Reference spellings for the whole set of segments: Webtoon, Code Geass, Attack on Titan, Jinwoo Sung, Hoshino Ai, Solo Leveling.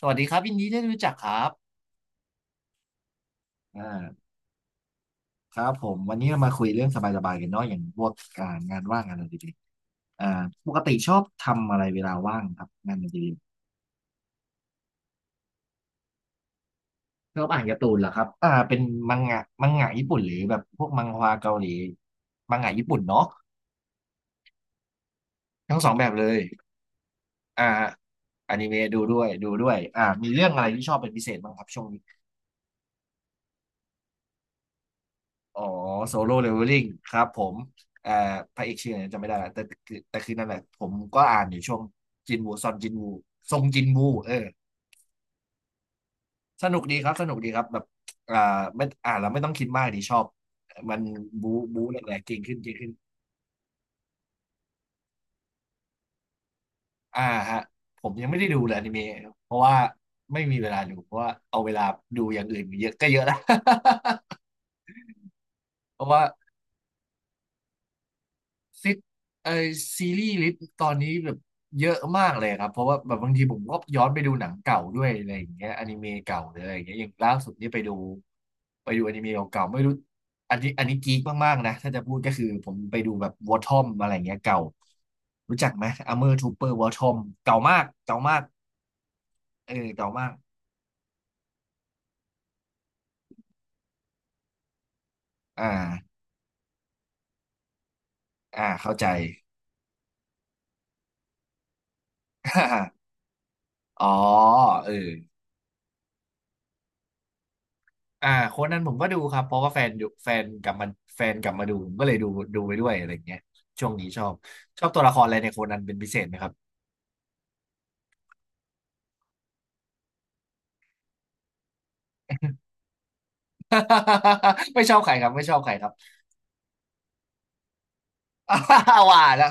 สวัสดีครับยินดีได้รู้จักครับอ่าครับผมวันนี้เรามาคุยเรื่องสบายๆกันเนาะอย่างพวกการงานว่างงานอดิเรกอ่าปกติชอบทำอะไรเวลาว่างครับงานอดิเรกชอบอ่านการ์ตูนเหรอครับเป็นมังงะมังงะญี่ปุ่นหรือแบบพวกมังฮวาเกาหลีมังงะญี่ปุ่นเนาะทั้งสองแบบเลยอ่าอนิเมะดูด้วยดูด้วยมีเรื่องอะไรที่ชอบเป็นพิเศษบ้างครับช่วงนี้ อ๋อโซโล่เลเวลลิ่งครับผมเอ่อพระเอกชื่ออะไรจำไม่ได้ละแต่คือนั่นแหละผมก็อ่านอยู่ช่วงจินวูซอนจินวูซงจินวูเออสนุกดีครับสนุกดีครับแบบอ่าไม่อ่านแล้วไม่ต้องคิดมากดีชอบมันบูบูแหลกๆเก่งขึ้นเก่งขึ้นอ่าฮะผมยังไม่ได้ดูเลยอนิเมะเพราะว่าไม่มีเวลาดูเพราะว่าเอาเวลาดูอย่างอื่นเยอะก็เยอะแล้ว เพราะว่า ซิกไอซีรีส์ลิสต์ตอนนี้แบบเยอะมากเลยครับเพราะว่าแบบบางทีผมก็ย้อนไปดูหนังเก่าด้วยอะไรอย่างเงี้ยอนิเมะเก่าหรืออะไรอย่างเงี้ยอย่างล่าสุดนี่ไปดูไปดูอนิเมะเก่าๆไม่รู้อันนี้อันนี้กีกมากๆนะถ้าจะพูดก็คือผมไปดูแบบวอทอมอะไรอย่างเงี้ยเก่ารู้จักไหมอ r เมอร์ทูเปอร์วอทอมเก่ามากเก่ามากเออเก่ามากอ่าอ่าเข้าใจ อ๋อเออ อ่าโค้ดนั้นผมก็ดูครับเพราะว่าแฟนดูแฟนกลับมาแฟนกลับมาดูผมก็เลยดูดูไปด้วยอะไรอย่างเงี้ยช่วงนี้ชอบชอบตัวละครอะไรในโค้ดนั้นเป็นพิเศษไหมครับ ไม่ชอบใครครับไม่ชอบใครครับ ว่าแล้ว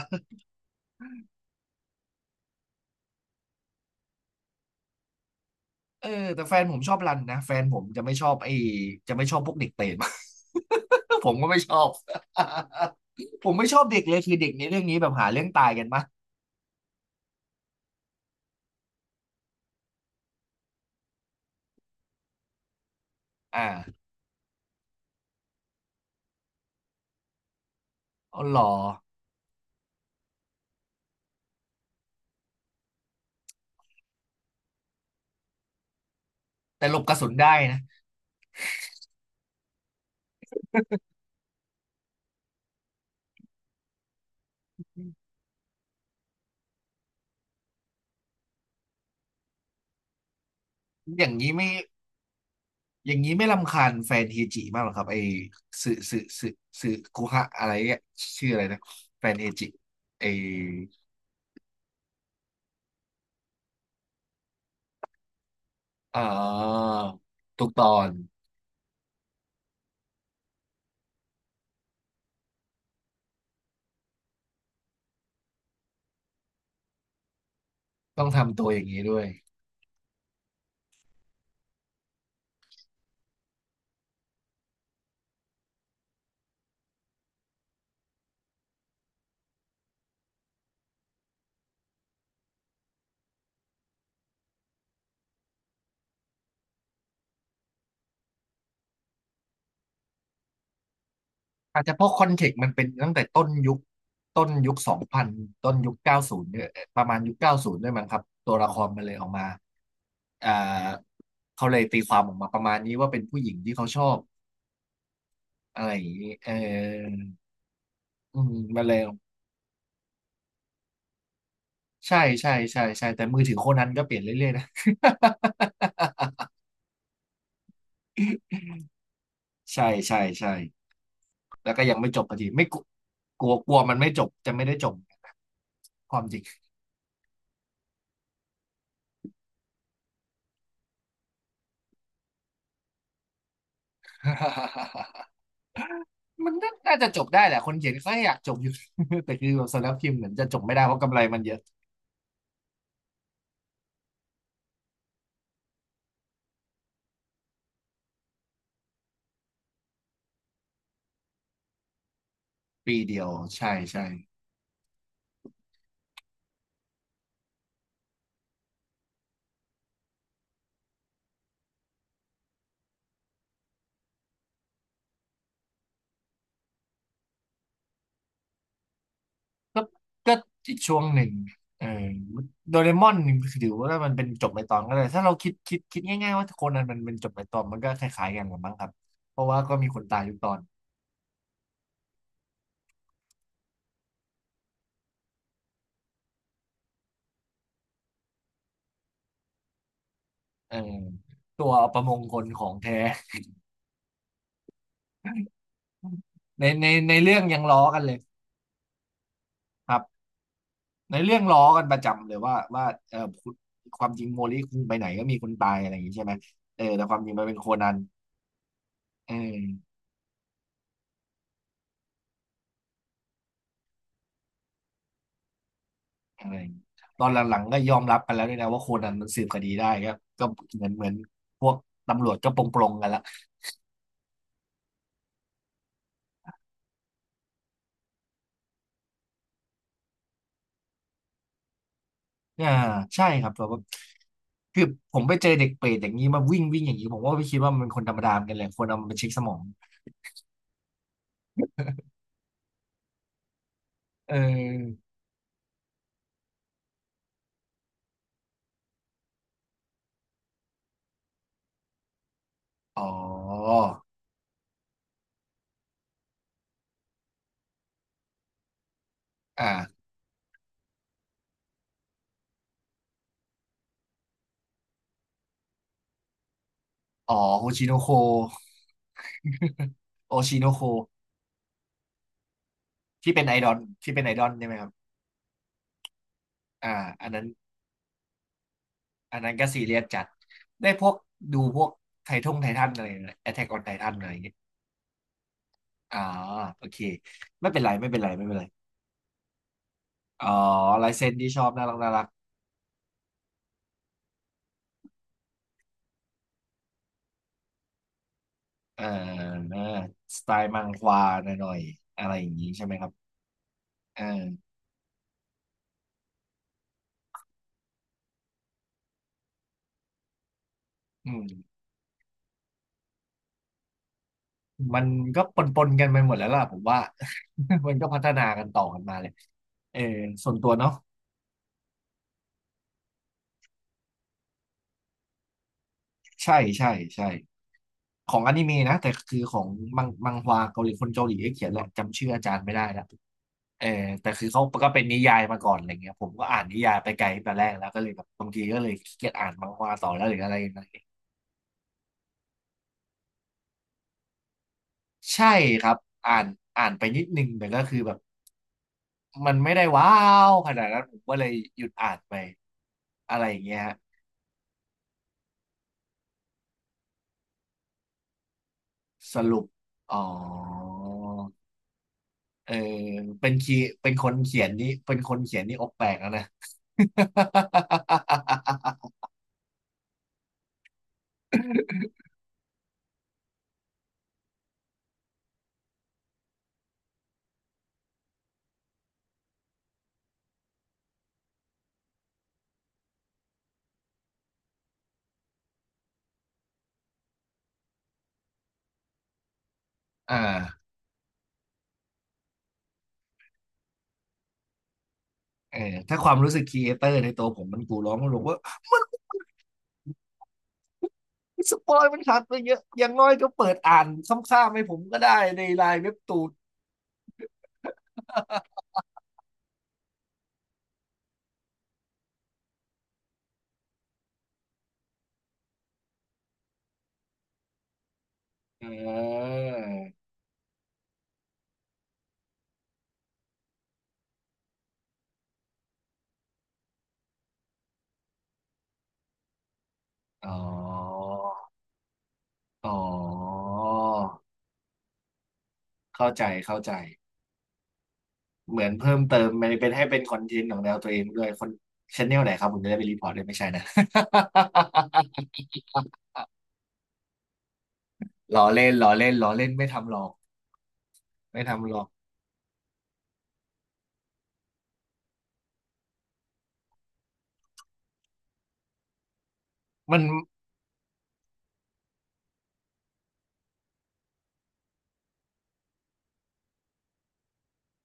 เออแต่แฟนผมชอบรันนะแฟนผมจะไม่ชอบไอ้จะไม่ชอบพวกเด็กเปรต ผมก็ไม่ชอบ ผมไม่ชอบเด็กเลยคือเด็กในเรื่องนี้แบบหาเรื่องตายกันมากอ่าอ๋อเหรอแต่หลบกระสุนได้นะอย่างนี้ไม่ อย่างนี้ไม่รำคาญแฟนเฮจิมากหรอครับไอ้สึสึสึสึคุฮะอะไรเนี่ยชื่ออะไรนะแฟนเฮจิไอ้เอ่อทุกตอนต้องทำตัวอย่างนี้ด้วยอาจจะเพราะคอนเทกต์มันเป็นตั้งแต่ต้นยุคต้นยุค2000ต้นยุคเก้าศูนย์เนี่ยประมาณยุคเก้าศูนย์ด้วยมั้งครับตัวละครมันเลยออกมาอ่าเขาเลยตีความออกมาประมาณนี้ว่าเป็นผู้หญิงที่เขาชอบอะไรอย่างนี้เอออืมมันเลย ใช่ใช่ใช่ใช่แต่มือถือโคนันก็เปลี่ยนเรื่อยๆนะ ใช่ใช่ใช่แล้วก็ยังไม่จบพอดีไม่กลัวกลัวกลัวมันไม่จบจะไม่ได้จบความจริง มันน่าจะจบได้แหละคนเขียนกาอยากจบอยู่ แต่คือแบบสำนักพิมพ์เหมือนจะจบไม่ได้เพราะกำไรมันเยอะปีเดียวใช่ใช่ก็ก็อีกช่วงหนึ่งเออโดเรมอนถือว่ามันเป็นจบในตอนก็เลยถ้าเราคิดง่ายๆว่าโคนันมันเป็นจบในตอนมันก็คล้ายๆกันหรือมั้งครับเพราะว่าก็มีคนตายทุกตอน เออตัวประมงคนของแท้ ในเรื่องยังล้อกันเลยครับในเรื่องล้อกันประจำเลยว่าเออคุณความจริงโมลิคุณไปไหนก็มีคนตายอะไรอย่างงี้ใช่ไหมเออแต่ความจริงมันเป็นโคนันเอออะไรอย่างงี้ตอนหลังๆก็ยอมรับกันแล้วด้วยนะว่าโคนันมันสืบคดีได้ก็เหมือนพวกตำรวจก็ปลงๆกันละอ่าใช่ครับแต่ว่าคือผมไปเจอเด็กเปรตอย่างนี้มาวิ่งวิ่งอย่างนี้ผมว่าไม่คิดว่ามันเป็นคนธรรมดาเหมือนกันแหละคนเอามันไปเช็คสมองเออ อ๋ออ่าอ๋อโฮชิโนโคโอชิโนโค ที่เป็นไอดอลที่เป็นไอดอลใช่ไหมครับอ่าอันนั้นอันนั้นก็ซีเรียสจัด ได้พวกดูพวกไททงไททันอะไรแอทแทกออนไททันอะไรอย่างเงี้ยอ่าโอเค ไม่เป็นไร ไม่เป็นไรไม่เป็นไรอ๋อลายเซ็นที่ชอบน่ารักน่ารักเออสไตล์มังควาหน่อยๆอะไรอย่างงี้ใช่ไหมครับเอออืม มันก็ปนปนกันไปหมดแล้วล่ะผมว่า มันก็พัฒนากันต่อกันมาเลยเออส่วนตัวเนาะใช่ใช่ใช่ของอนิเมะนะแต่คือของมังฮวาเกาหลีคนเกาหลีเขียนแหละจำชื่ออาจารย์ไม่ได้ละเออแต่คือเขาก็เป็นนิยายมาก่อนอะไรเงี้ยผมก็อ่านนิยายไปไกลไปแรกแล้วก็เลยแบบบางทีก็เลยขี้เกียจอ่านมังฮวาต่อแล้วหรืออะไรอย่างเงี้ยใช่ครับอ่านอ่านไปนิดนึงแต่ก็คือแบบมันไม่ได้ว้าวขนาดนั้นผมก็เลยหยุดอ่านไปอะไรอย่างเงี้ย สรุป อ๋อเออเป็นคีเป็นคนเขียนนี่อกแตกแล้วนะ อ่าเออถ้าความรู้สึกครีเอเตอร์ในตัวผมมันกูร้องมันบอกว่า มันสปอยล์มันขาดไปเยอะอย่างน้อยก็เปิดอ่านซ้ำๆให้ผมก็ได้ในไลน์เว็บตูน เอออ๋อ อ๋อ เข้าใจ เข้าใจ เหมือนเพิ่มเติมมันเป็นให้เป็นคอนเทนต์ของแนวตัวเองด้วยคนชแนลไหนครับผมจะได้ไปรีพอร์ตเลยไม่ใช่นะ ล้อเล่นล้อเล่นล้อเล่นไม่ทำหรอกไม่ทำหรอกมัน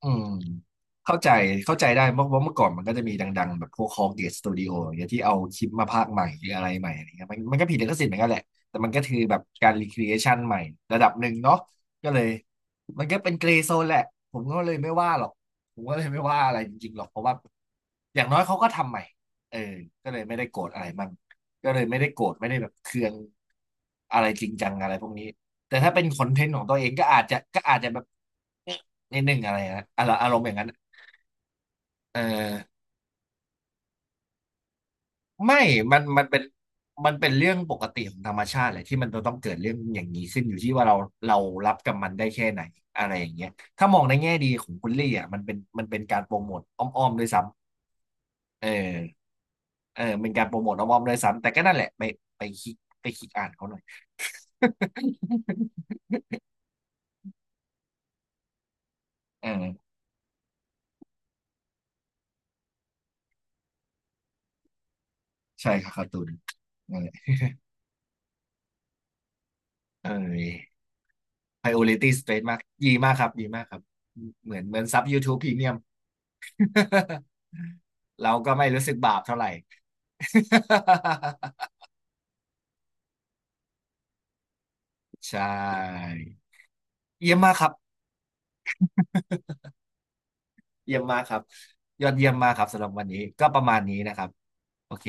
อืมเข้าใจเข้าใจได้เพราะว่าเมื่อก่อนมันก็จะมีดังๆแบบพวกคอเกตสตูดิโออย่างเงี้ยที่เอาคลิปมาพากย์ใหม่หรืออะไรใหม่อะไรเงี้ยมันก็ผิดลิขสิทธิ์เหมือนกันแหละแต่มันก็คือแบบการรีครีเอชันใหม่ระดับหนึ่งเนาะก็เลยมันก็เป็นเกรย์โซนแหละผมก็เลยไม่ว่าหรอกผมก็เลยไม่ว่าอะไรจริงๆหรอกเพราะว่าอย่างน้อยเขาก็ทำใหม่เออก็เลยไม่ได้โกรธอะไรมั่งก็เลยไม่ได้โกรธไม่ได้แบบเคืองอะไรจริงจังอะไรพวกนี้แต่ถ้าเป็นคอนเทนต์ของตัวเองก็อาจจะก็อาจจะแบบ นิดนึงอะไรฮะอารมณ์อย่างนั้นเออไม่มันเป็นมันเป็นเรื่องปกติของธรรมชาติเลยที่มันจะต้องเกิดเรื่องอย่างนี้ขึ้นอยู่ที่ว่าเรารับกับมันได้แค่ไหนอะไรอย่างเงี้ยถ้ามองในแง่ดีของคุณลี่อ่ะมันเป็นการโปรโมทอ้อมๆด้วยซ้ำเออเออเป็นการโปรโมทอ้อมๆด้วยซ้ำแต่ก็นั่นแหละไปไปคิดไปคิดอ่านเขาหน่อย เออใช่ครับการ์ตูนนั่นแหละเออ priority straight มากดีมากครับดีมากครับเหมือนเหมือนซับ YouTube Premium เราก็ไม่รู้สึกบาปเท่าไหร่ ใช่เยี่ยมมากครับเยี่ยมมากครับยอดเยี่ยมมากครับสำหรับวันนี้ก็ประมาณนี้นะครับโอเค